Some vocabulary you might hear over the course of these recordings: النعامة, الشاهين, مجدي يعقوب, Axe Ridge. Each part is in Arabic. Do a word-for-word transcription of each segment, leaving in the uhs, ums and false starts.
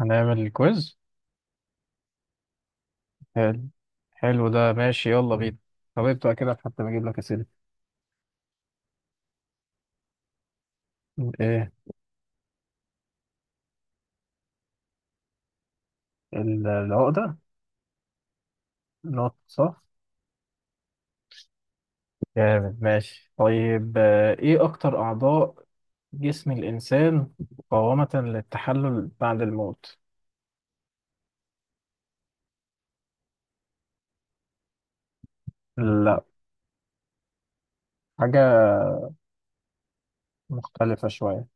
هنعمل الكويز. حلو. حلو، ده ماشي، يلا بينا. طب ابدأ كده حتى بجيب لك أسئلة. ايه؟ ال- العقدة. نقط صح. جامد، ماشي، طيب. آه، ايه أكتر أعضاء جسم الإنسان مقاومة للتحلل بعد الموت؟ لا، حاجة مختلفة شوية.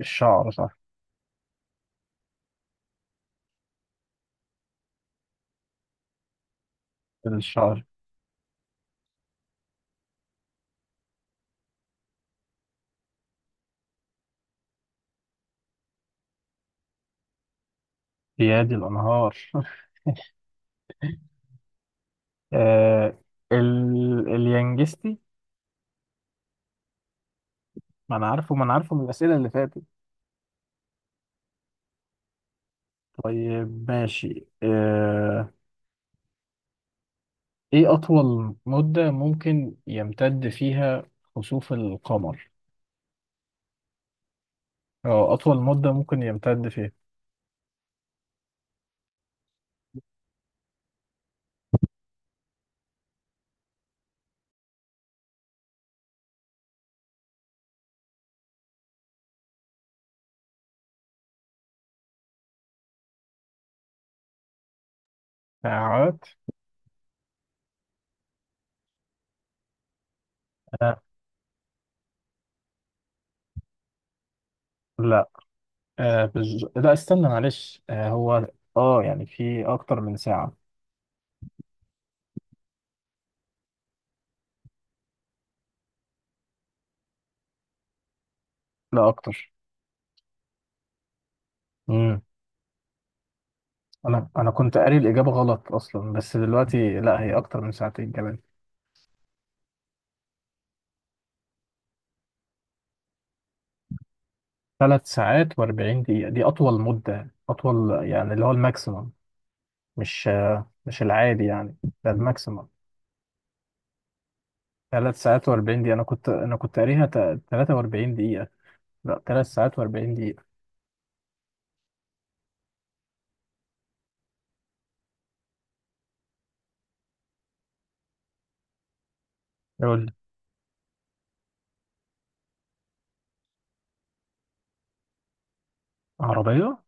الشعر صح. الشعر. بيادي الأنهار آه ال... اليانجستي. ما أنا عارفه، ما أنا عارفه من الأسئلة اللي فاتت. طيب، ماشي. آه ايه اطول مدة ممكن يمتد فيها خسوف القمر؟ أو اطول مدة ممكن يمتد فيها. ساعات. آه لا. آه بز... لا، استنى، معلش. آه هو اه يعني في اكتر من ساعة. لا، اكتر. امم انا انا كنت قاري الاجابة غلط اصلا، بس دلوقتي لا، هي اكتر من ساعتين كمان. ثلاث ساعات و40 دقيقة، دي اطول مدة، اطول يعني، اللي هو الماكسيمم. مش آه مش العادي يعني. ده الماكسيمم. ثلاث ساعات و40 دقيقة. أنا كنت أنا كنت قاريها تا- ثلاثة وأربعين دقيقة. لا، ثلاث ساعات و40 دقيقة. يقول لي. عربية.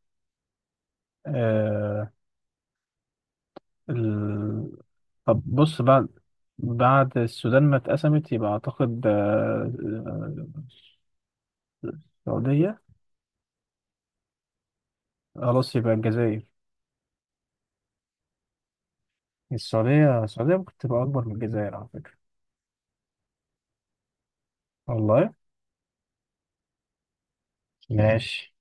آه ال... طب بص، بعد بعد السودان ما اتقسمت يبقى أعتقد آه، آه، السعودية. خلاص، يبقى الجزائر. السعودية السعودية ممكن تبقى أكبر من الجزائر على فكرة. والله. ماشي.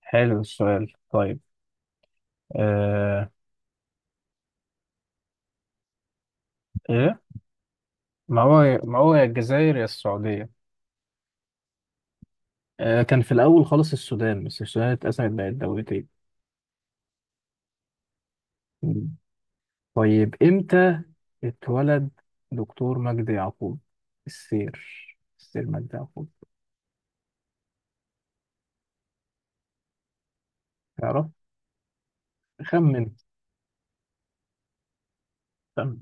حلو السؤال. طيب. آه... إيه؟ ما هو، ما هو يا الجزائر يا السعودية. آه، كان في الأول خالص السودان، بس السودان اتقسمت بقت دولتين. مم. طيب، إمتى اتولد دكتور مجدي يعقوب؟ السير السير مجدي يعقوب. تعرف؟ خمن. خمن.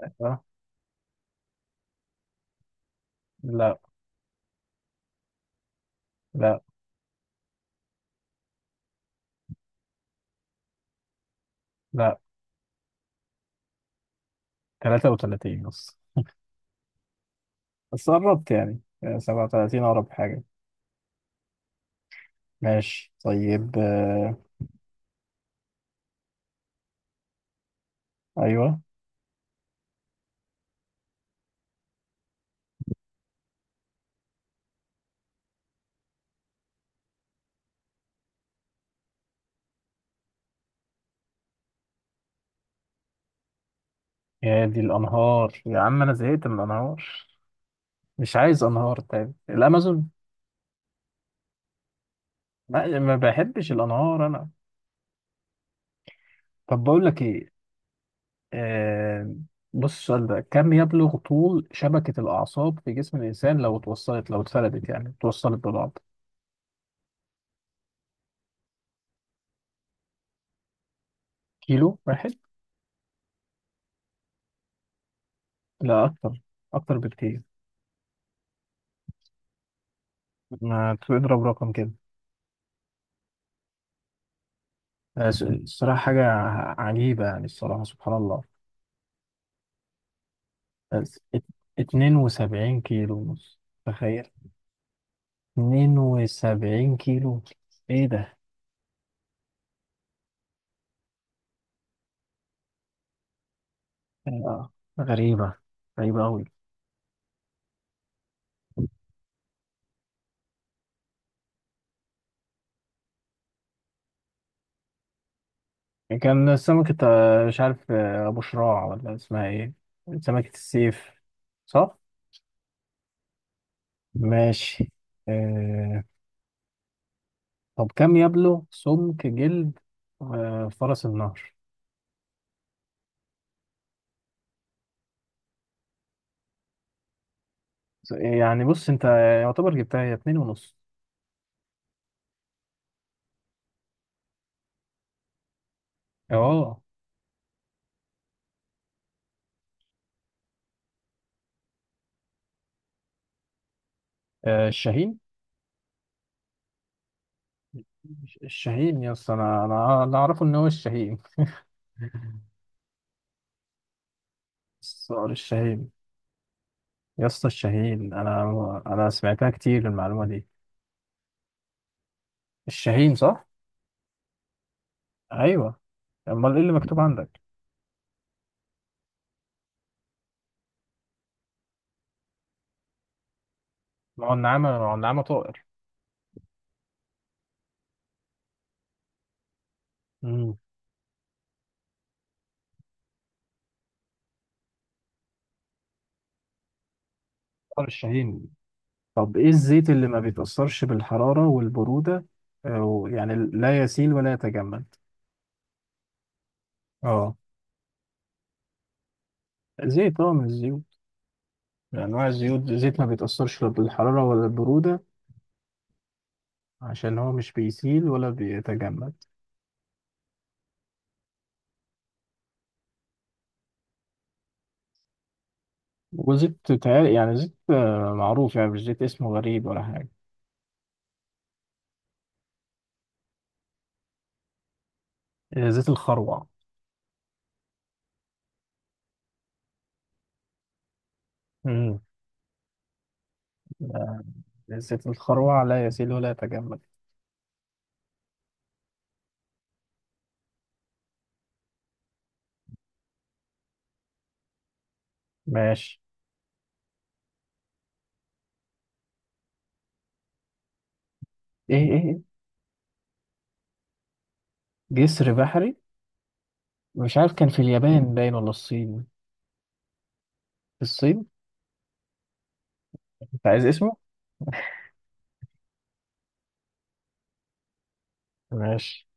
آه، لا، لا، لا، ثلاثة وثلاثين بس. بس قربت يعني، آه، سبعة وتلاتين أقرب حاجة. ماشي، طيب. آه، أيوه. يا دي الأنهار يا عم، أنا زهقت من الأنهار. مش عايز أنهار تاني. الأمازون. لا، ما بحبش الأنهار أنا. طب بقول لك ايه. آه، بص، السؤال ده كم يبلغ طول شبكة الأعصاب في جسم الإنسان لو اتوصلت، لو اتفردت يعني، اتوصلت ببعض؟ كيلو واحد؟ لا، أكتر. أكتر بكتير. ما تضرب رقم كده. آه، س- الصراحة حاجة عجيبة يعني، الصراحة سبحان الله. بس ات- اتنين وسبعين كيلو ونص. تخيل. اتنين وسبعين كيلو. إيه ده. آه، غريبة، غريبة أوي. يعني كان سمكة، آه، مش عارف، آه، أبو شراع ولا اسمها إيه. سمكة السيف، صح؟ ماشي. آه... طب كم يبلغ سمك جلد آه... فرس النهر؟ يعني بص أنت، يعتبر جبتها، هي اتنين ونص. أه. آه، الشاهين. الشاهين يا اسطى، أنا أنا أنا أعرفه إن هو الشاهين. صقر الشاهين. يا اسطى، الشاهين. أنا أنا سمعتها كتير المعلومة دي. الشاهين، صح؟ أيوه. أمال إيه اللي مكتوب عندك؟ ما هو النعامة ما هو النعامة طائر. مم. طائر الشاهين. طب ايه الزيت اللي ما بيتأثرش بالحرارة والبرودة؟ أو يعني لا يسيل ولا يتجمد. اه. زيت. اه من الزيوت، من انواع الزيوت، زيت ما بيتأثرش لا بالحرارة ولا البرودة عشان هو مش بيسيل ولا بيتجمد. وزيت تع- يعني زيت آه، معروف يعني، مش زيت اسمه غريب ولا حاجة. آه، زيت الخروع. امم زيت الخروع لا يسيل ولا يتجمد. ماشي. ايه ايه إيه؟ جسر بحري. مش عارف، كان في اليابان باين ولا الصين. في الصين. انت عايز اسمه؟ ماشي.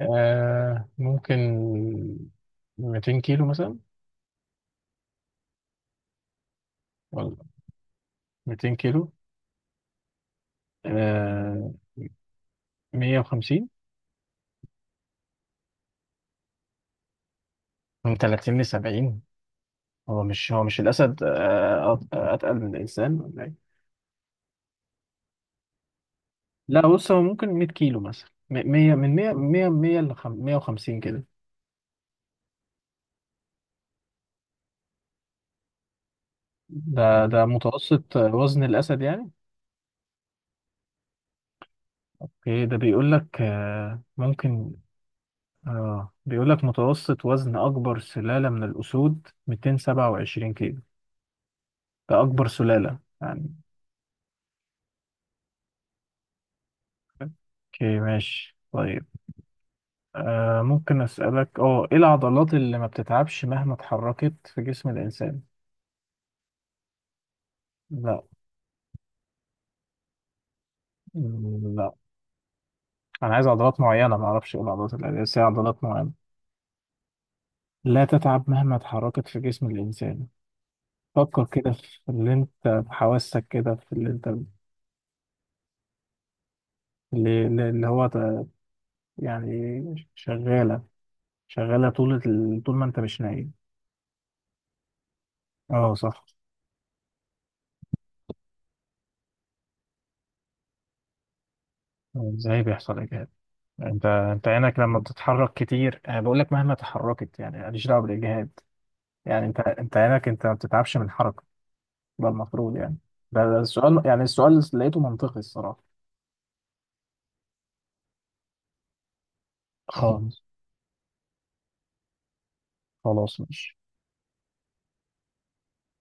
آه ممكن مئتين كيلو مثلا، ولا مئتين كيلو. آه. مية وخمسين. من تلاتين ل سبعين. هو مش هو مش الأسد آه أت- أتقل من الإنسان، ولا إيه؟ لا، بص، هو ممكن مئة كيلو مثلا، م- مية، من مئة، مئة، مية ل مئة وخمسين كده. ده ده متوسط وزن الأسد يعني. أوكي، ده بيقول لك. آه ممكن. اه بيقول لك متوسط وزن اكبر سلالة من الاسود مئتين وسبعة وعشرين كيلو، ده اكبر سلالة يعني. اوكي، ماشي، طيب. آه ممكن اسالك، اه ايه العضلات اللي ما بتتعبش مهما اتحركت في جسم الانسان؟ لا. مم، لا. انا عايز عضلات معينة، ما اعرفش ايه العضلات اللي، بس هي عضلات معينة لا تتعب مهما اتحركت في جسم الانسان. فكر كده في اللي انت بحواسك كده، في اللي انت اللي, اللي هو ت- يعني شغالة، شغالة طول ال... طول ما انت مش نايم. اه، صح. ازاي بيحصل اجهاد؟ انت انت عينك لما بتتحرك كتير، انا بقول لك مهما تحركت يعني، ماليش دعوه بالاجهاد. يعني انت انت عينك، انت ما بتتعبش من الحركه. ده المفروض يعني. ده ده السؤال، يعني السؤال لقيته منطقي الصراحه. خالص. خلاص، ماشي.